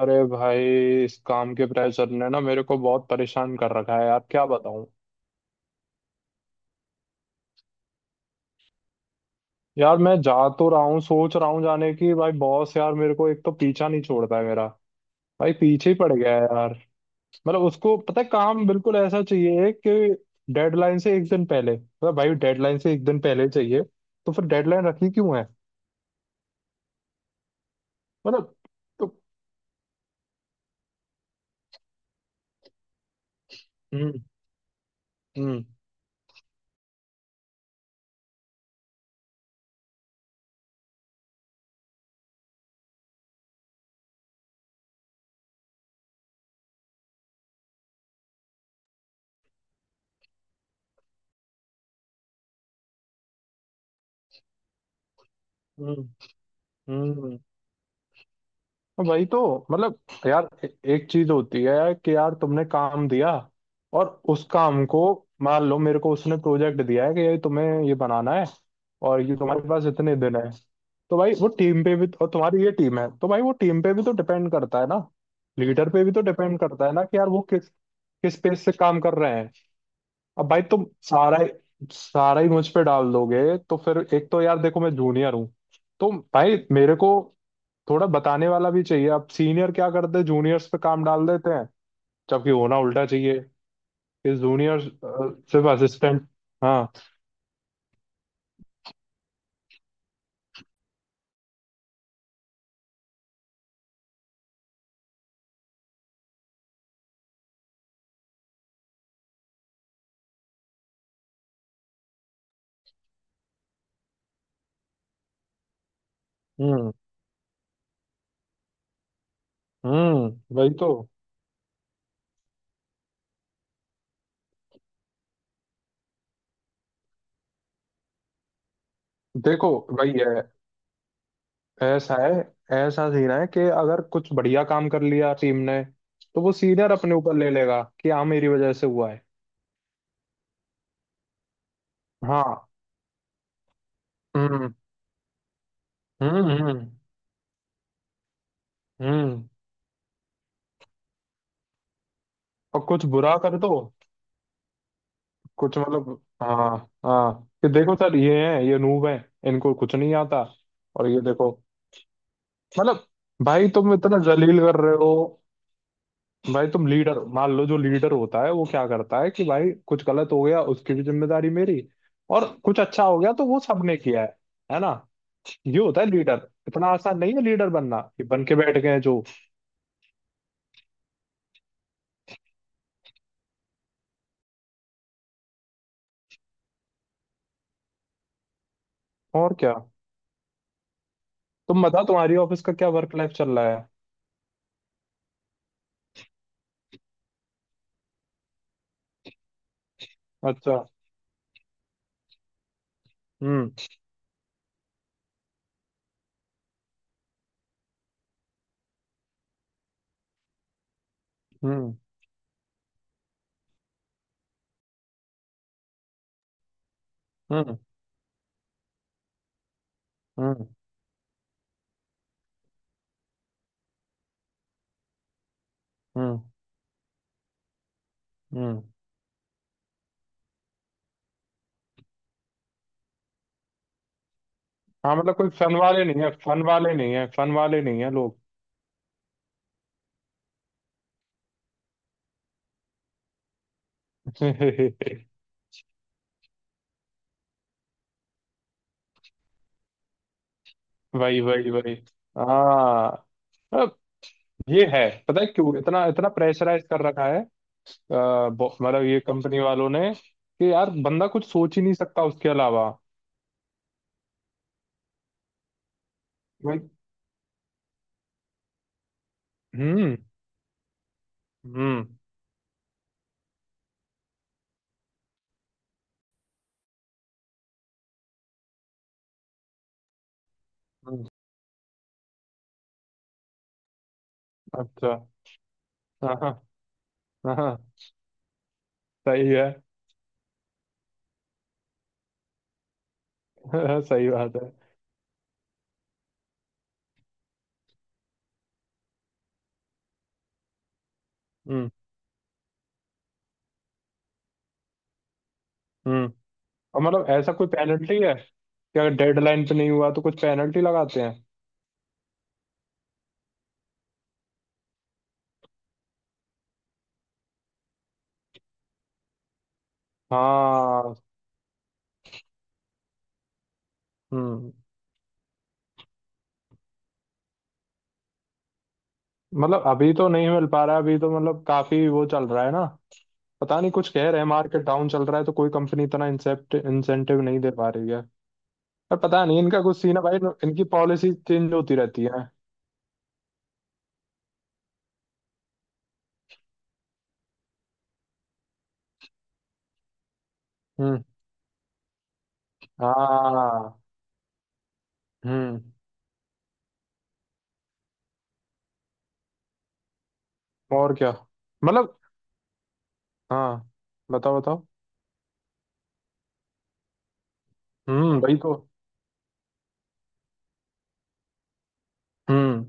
अरे भाई। इस काम के प्रेशर ने ना मेरे को बहुत परेशान कर रखा है यार, क्या बताऊं। यार मैं जा तो रहा हूँ, सोच रहा हूँ जाने की। भाई बॉस यार मेरे को एक तो पीछा नहीं छोड़ता है मेरा। भाई पीछे ही पड़ गया है यार। मतलब उसको पता है काम बिल्कुल ऐसा चाहिए कि डेडलाइन से एक दिन पहले, मतलब भाई डेडलाइन से एक दिन पहले चाहिए। तो फिर डेडलाइन रखी क्यों है? मतलब। तो। हम्म। हम्म। हम्म। हम्म। वही तो मतलब। यार एक चीज होती है कि यार तुमने काम दिया और उस काम को, मान लो मेरे को उसने प्रोजेक्ट दिया है कि ये तुम्हें ये बनाना है और ये तुम्हारे पास इतने दिन है। तो भाई वो टीम पे भी तो, और तुम्हारी ये टीम है तो भाई वो टीम पे भी तो डिपेंड करता है ना। लीडर पे भी तो डिपेंड करता है ना कि यार वो किस किस पेस से काम कर रहे हैं। अब भाई तुम सारा ही मुझ पे डाल दोगे तो फिर एक तो यार देखो मैं जूनियर हूँ, तो भाई मेरे को थोड़ा बताने वाला भी चाहिए। अब सीनियर क्या करते हैं? जूनियर्स पे काम डाल देते हैं। जबकि होना उल्टा चाहिए कि जूनियर सिर्फ असिस्टेंट। हाँ। हम्म। वही तो। देखो वही है। ऐसा है, ऐसा सीन है कि अगर कुछ बढ़िया काम कर लिया टीम ने तो वो सीनियर अपने ऊपर ले लेगा कि हाँ मेरी वजह से हुआ है। हाँ। हम्म। हम्म। हम्म। हम्म। और कुछ बुरा कर दो। कुछ मतलब, हाँ। हाँ कि देखो सर ये हैं, ये नूब हैं, इनको कुछ नहीं आता। और ये देखो। मतलब। भाई तुम इतना जलील कर रहे हो। भाई तुम लीडर मान लो, जो लीडर होता है वो क्या करता है कि भाई कुछ गलत हो गया उसकी भी जिम्मेदारी मेरी, और कुछ अच्छा हो गया तो वो सबने किया है ना? ये होता है लीडर। इतना आसान नहीं है लीडर बनना, कि बन के बैठ गए हैं जो। और क्या, तुम बताओ तुम्हारी ऑफिस का क्या वर्क लाइफ चल रहा है? अच्छा। हम्म। हम्म। हम्म। हम्म। हम्म। हम्म। हाँ मतलब कोई फन वाले नहीं है, फन वाले नहीं है, फन वाले नहीं है लोग। वही वही वही। हाँ, अब ये है। पता है क्यों इतना इतना प्रेशराइज कर रखा है मतलब ये कंपनी वालों ने, कि यार बंदा कुछ सोच ही नहीं सकता उसके अलावा। वही। हम्म। हम्म। हम्म, अच्छा। हाँ। हाँ। हाँ, सही है। सही बात है। हम्म। हम्म। और मतलब ऐसा कोई पेनल्टी है कि अगर डेडलाइन पे नहीं हुआ तो कुछ पेनल्टी लगाते हैं? हाँ। हम्म। मतलब अभी तो नहीं मिल पा रहा है, अभी तो मतलब काफी वो चल रहा है ना। पता नहीं, कुछ कह रहे हैं मार्केट डाउन चल रहा है तो कोई कंपनी इतना इंसेप्ट इंसेंटिव नहीं दे पा रही है। पर पता नहीं इनका कुछ सीन है भाई, इनकी पॉलिसी चेंज होती रहती है। हम्म। हाँ। हम्म। और क्या। मतलब, हाँ। बताओ बताओ। वही तो। हम्म।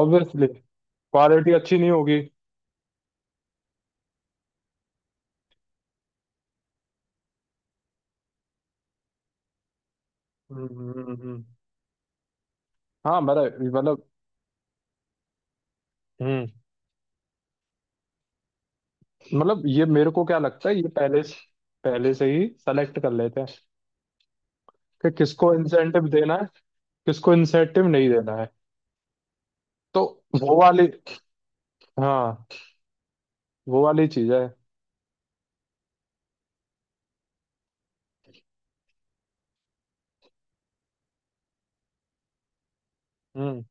ऑब्वियसली क्वालिटी अच्छी नहीं होगी। हम्म। हम्म। हम्म। हाँ मतलब, हम्म। मतलब ये मेरे को क्या लगता है, ये पहले से ही सेलेक्ट कर लेते हैं कि किसको इंसेंटिव देना है, किसको इंसेंटिव नहीं देना है। तो वो वाली, हाँ, वो वाली चीज है। हम्म।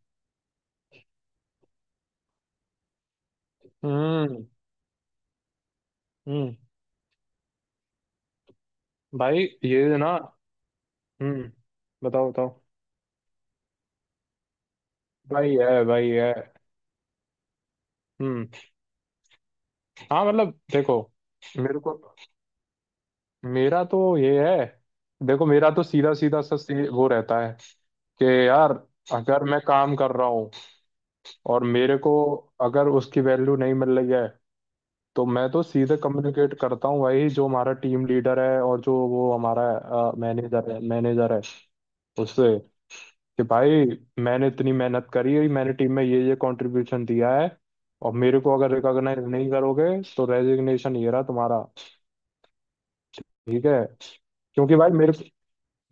हम्म। हम्म। भाई ये ना। हम्म। बताओ बताओ। भाई है, भाई है। हम्म। हाँ मतलब देखो, मेरे को, मेरा तो ये है। देखो मेरा तो सीधा सीधा सा वो रहता है कि यार अगर मैं काम कर रहा हूँ और मेरे को अगर उसकी वैल्यू नहीं मिल रही है तो मैं तो सीधे कम्युनिकेट करता हूँ भाई, जो हमारा टीम लीडर है और जो वो हमारा मैनेजर है, उससे, कि भाई मैंने इतनी मेहनत करी है, मैंने टीम में ये कंट्रीब्यूशन दिया है और मेरे को अगर रिकॉग्नाइज नहीं करोगे तो रेजिग्नेशन ये रहा तुम्हारा। ठीक है? क्योंकि भाई मेरे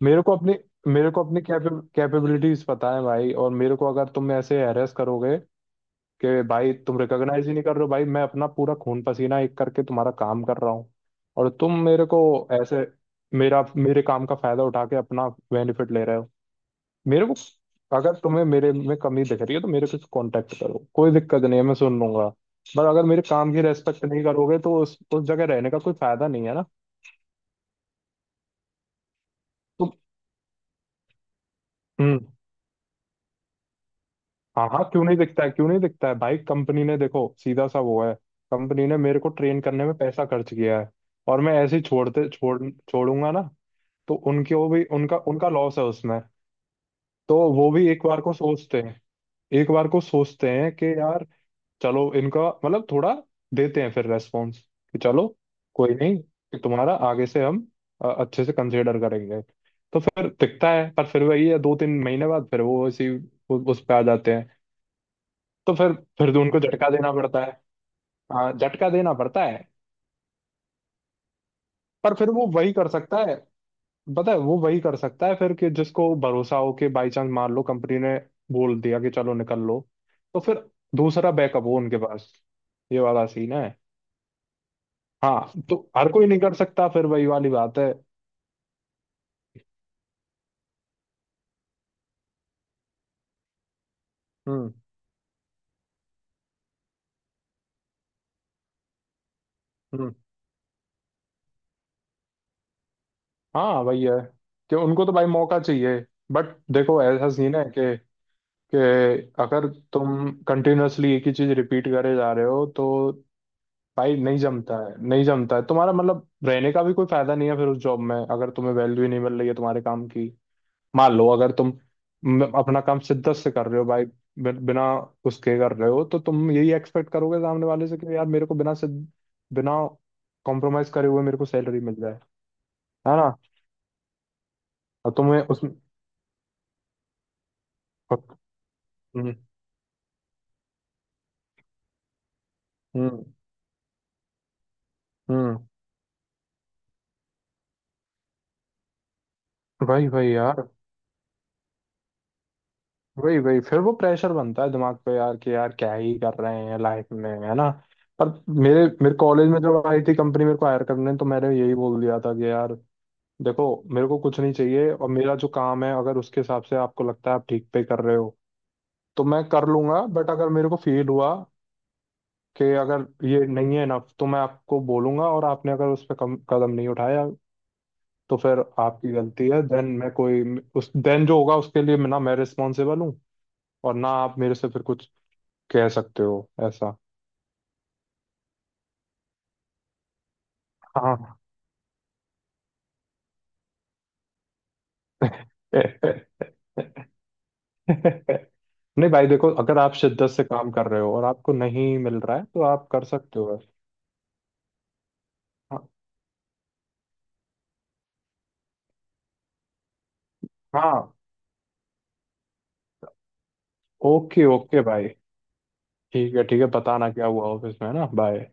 मेरे को अपनी मेरे को अपनी कैपेबिलिटीज पता है भाई, और मेरे को अगर तुम ऐसे हैरेस करोगे कि भाई तुम रिकॉग्नाइज ही नहीं कर रहे हो, भाई मैं अपना पूरा खून पसीना एक करके तुम्हारा काम कर रहा हूँ और तुम मेरे को ऐसे मेरा मेरे काम का फायदा उठा के अपना बेनिफिट ले रहे हो। मेरे को अगर तुम्हें मेरे में कमी दिख रही है तो मेरे से कांटेक्ट करो, कोई दिक्कत नहीं है, मैं सुन लूंगा। पर अगर मेरे काम की रेस्पेक्ट नहीं करोगे तो उस जगह रहने का कोई फायदा नहीं है ना। तुम हम्म। हाँ हाँ, क्यों नहीं दिखता है, क्यों नहीं दिखता है भाई। कंपनी ने देखो सीधा सा वो है, कंपनी ने मेरे को ट्रेन करने में पैसा खर्च किया है और मैं ऐसे ही छोड़ते छोड़ छोड़ूंगा ना, तो उनके, वो भी उनका उनका लॉस है उसमें। तो वो भी एक बार को सोचते हैं, एक बार को सोचते हैं कि यार चलो इनका, मतलब थोड़ा देते हैं फिर रेस्पॉन्स, कि चलो कोई नहीं, कि तुम्हारा आगे से हम अच्छे से कंसिडर करेंगे। तो फिर दिखता है पर फिर वही है, 2 3 महीने बाद फिर वो इसी उस पे आ जाते हैं। तो फिर तो उनको झटका देना पड़ता है, हाँ झटका देना पड़ता है। पर फिर वो वही कर सकता है, पता है वो वही कर सकता है फिर, कि जिसको भरोसा हो कि बाई चांस मान लो कंपनी ने बोल दिया कि चलो निकल लो, तो फिर दूसरा बैकअप हो उनके पास। ये वाला सीन है। हाँ, तो हर कोई नहीं कर सकता, फिर वही वाली बात है। हम्म। हम्म। हाँ वही है, कि उनको तो भाई मौका चाहिए। बट देखो ऐसा सीन है कि कि अगर तुम कंटिन्यूअसली एक ही चीज रिपीट करे जा रहे हो तो भाई नहीं जमता है, नहीं जमता है तुम्हारा, मतलब रहने का भी कोई फायदा नहीं है फिर उस जॉब में, अगर तुम्हें वैल्यू ही नहीं मिल रही है तुम्हारे काम की। मान लो अगर तुम अपना काम शिद्दत से कर रहे हो भाई, बिना उसके कर रहे हो, तो तुम यही एक्सपेक्ट करोगे सामने वाले से, कि यार मेरे को बिना कॉम्प्रोमाइज करे हुए मेरे को सैलरी मिल जाए। है ना? और तुम्हें उसमें और- हम्म। हम्म। हम्म, भाई भाई यार। वही वही फिर वो प्रेशर बनता है दिमाग पे यार, कि यार क्या ही कर रहे हैं लाइफ में, है ना? पर मेरे मेरे कॉलेज में जब आई थी कंपनी मेरे को हायर करने, तो मैंने यही बोल दिया था कि यार देखो, मेरे को कुछ नहीं चाहिए और मेरा जो काम है अगर उसके हिसाब से आपको लगता है आप ठीक पे कर रहे हो तो मैं कर लूंगा, बट अगर मेरे को फील हुआ कि अगर ये नहीं है इनफ तो मैं आपको बोलूंगा, और आपने अगर उस पर कम कदम नहीं उठाया तो फिर आपकी गलती है। देन मैं कोई उस देन जो होगा उसके लिए ना मैं रिस्पॉन्सिबल हूँ, और ना आप मेरे से फिर कुछ कह सकते हो ऐसा। हाँ। नहीं भाई देखो, अगर आप शिद्दत से काम कर रहे हो और आपको नहीं मिल रहा है तो आप कर सकते हो। हाँ। हाँ। ओके ओके भाई। ठीक है, ठीक है, बताना क्या हुआ ऑफिस में, है ना। बाय।